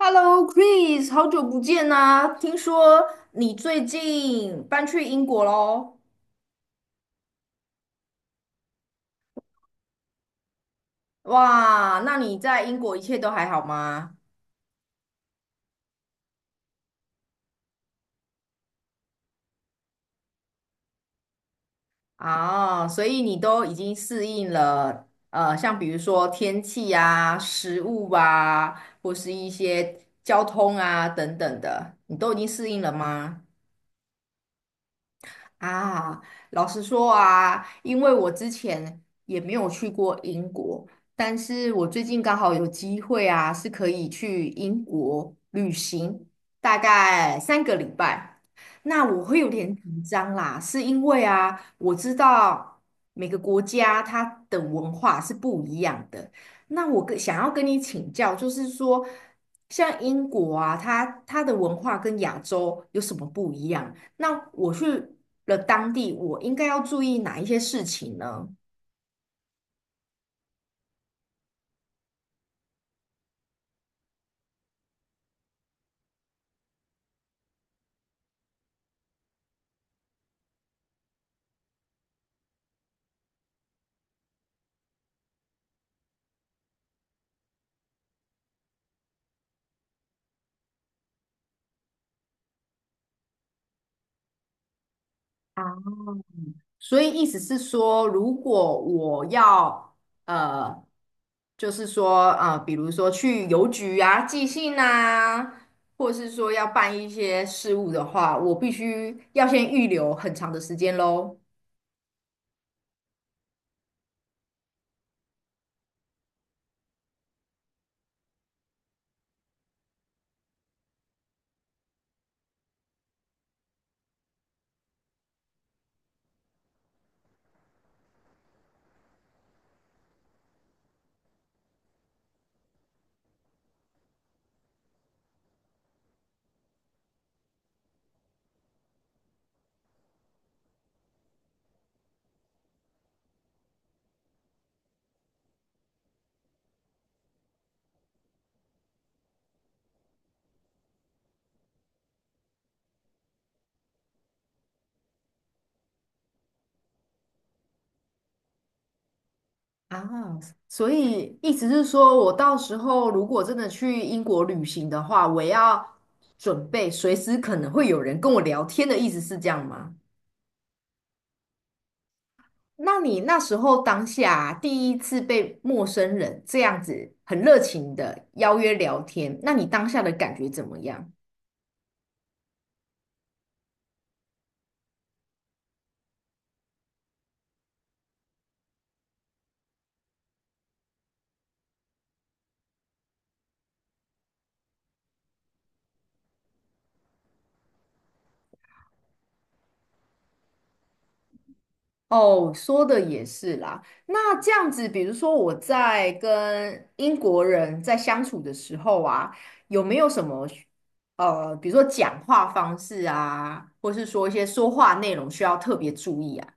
Hello, Chris,好久不见呐、听说你最近搬去英国喽？哇，那你在英国一切都还好吗？啊，所以你都已经适应了，像比如说天气啊、食物啊，或是一些交通啊等等的，你都已经适应了吗？啊，老实说啊，因为我之前也没有去过英国，但是我最近刚好有机会啊，是可以去英国旅行，大概3个礼拜。那我会有点紧张啦，是因为啊，我知道每个国家它的文化是不一样的。那我跟想要跟你请教，就是说，像英国啊，它的文化跟亚洲有什么不一样？那我去了当地，我应该要注意哪一些事情呢？啊，所以意思是说，如果我要呃，就是说比如说去邮局啊寄信啊，或是说要办一些事务的话，我必须要先预留很长的时间喽。啊，所以意思是说，我到时候如果真的去英国旅行的话，我要准备随时可能会有人跟我聊天的意思是这样吗？那你那时候当下第一次被陌生人这样子很热情的邀约聊天，那你当下的感觉怎么样？哦，说的也是啦。那这样子，比如说我在跟英国人在相处的时候啊，有没有什么比如说讲话方式啊，或是说一些说话内容需要特别注意啊？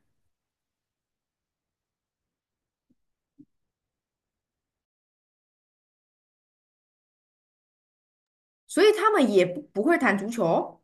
所以他们也不会谈足球哦。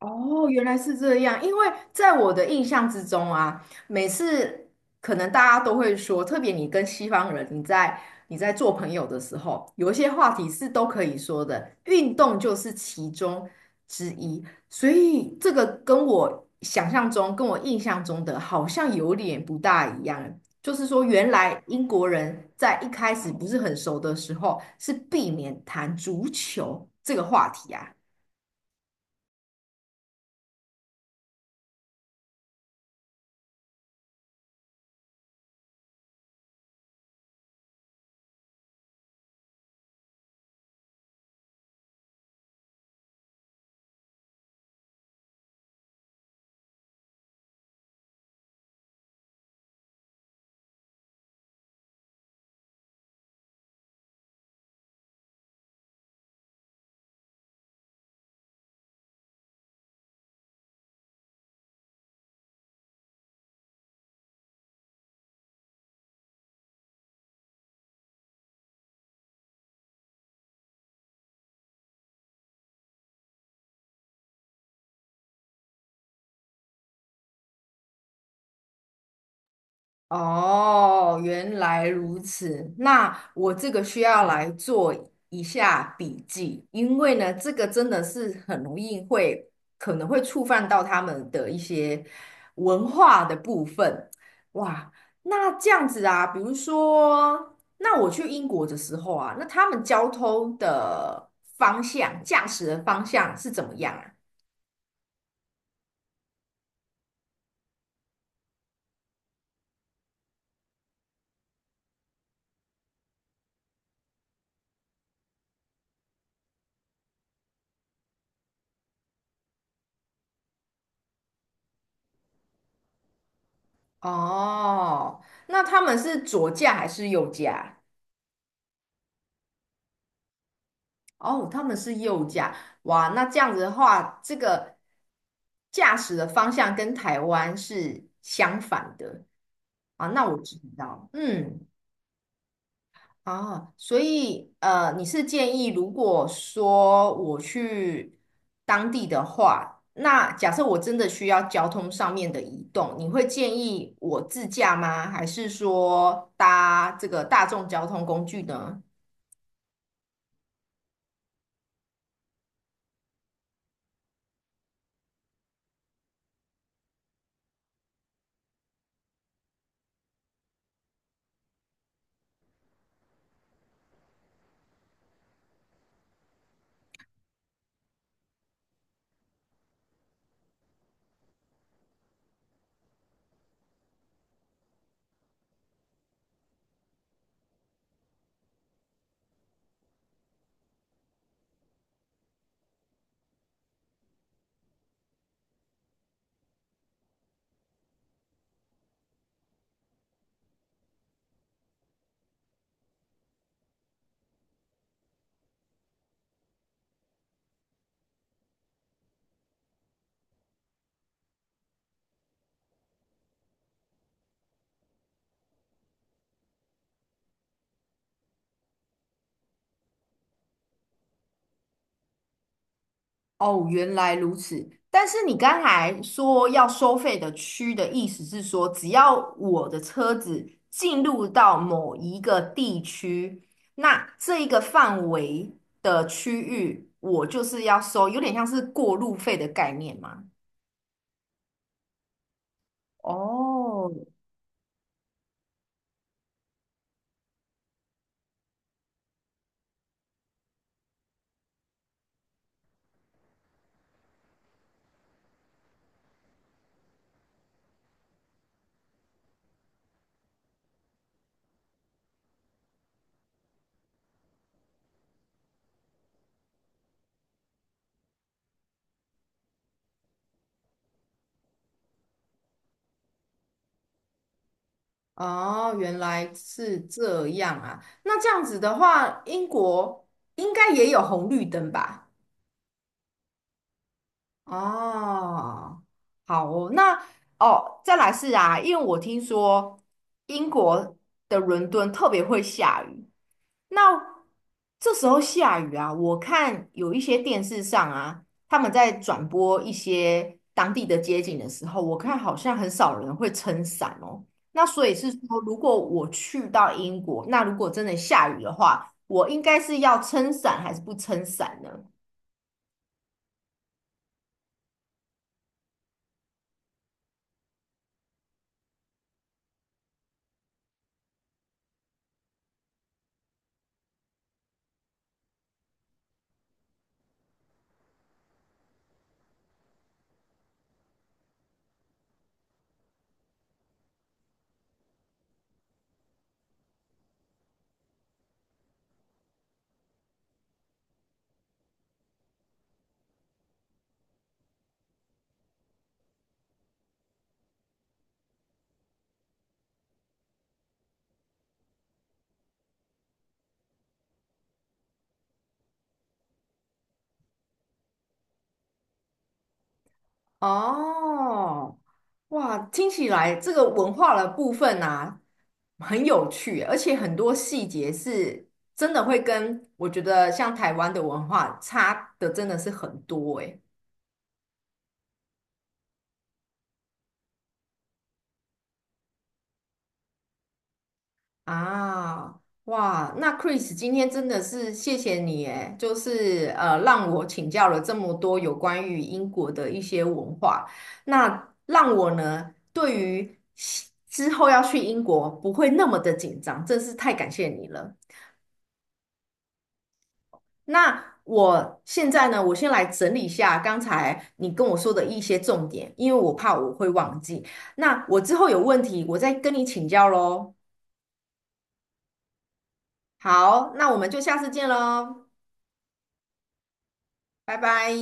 哦，原来是这样。因为在我的印象之中啊，每次可能大家都会说，特别你跟西方人，你在做朋友的时候，有一些话题是都可以说的，运动就是其中之一。所以这个跟我想象中、跟我印象中的好像有点不大一样。就是说，原来英国人在一开始不是很熟的时候，是避免谈足球这个话题啊。哦，原来如此。那我这个需要来做一下笔记，因为呢，这个真的是很容易会可能会触犯到他们的一些文化的部分。哇，那这样子啊，比如说，那我去英国的时候啊，那他们交通的方向、驾驶的方向是怎么样啊？哦，那他们是左驾还是右驾？哦，他们是右驾，哇，那这样子的话，这个驾驶的方向跟台湾是相反的啊。那我知道，嗯，啊，所以你是建议如果说我去当地的话，那假设我真的需要交通上面的移动，你会建议我自驾吗？还是说搭这个大众交通工具呢？哦，原来如此。但是你刚才说要收费的区的意思是说，只要我的车子进入到某一个地区，那这一个范围的区域，我就是要收，有点像是过路费的概念嘛。哦，哦，原来是这样啊。那这样子的话，英国应该也有红绿灯吧？哦，好哦，那哦，再来是啊，因为我听说英国的伦敦特别会下雨，那这时候下雨啊，我看有一些电视上啊，他们在转播一些当地的街景的时候，我看好像很少人会撑伞哦。那所以是说，如果我去到英国，那如果真的下雨的话，我应该是要撑伞还是不撑伞呢？哦，哇，听起来这个文化的部分啊，很有趣，而且很多细节是真的会跟我觉得像台湾的文化差的真的是很多诶。啊，哇，那 Chris 今天真的是谢谢你诶，就是让我请教了这么多有关于英国的一些文化，那让我呢对于西之后要去英国不会那么的紧张，真是太感谢你了。那我现在呢，我先来整理一下刚才你跟我说的一些重点，因为我怕我会忘记。那我之后有问题，我再跟你请教喽。好，那我们就下次见喽。拜拜。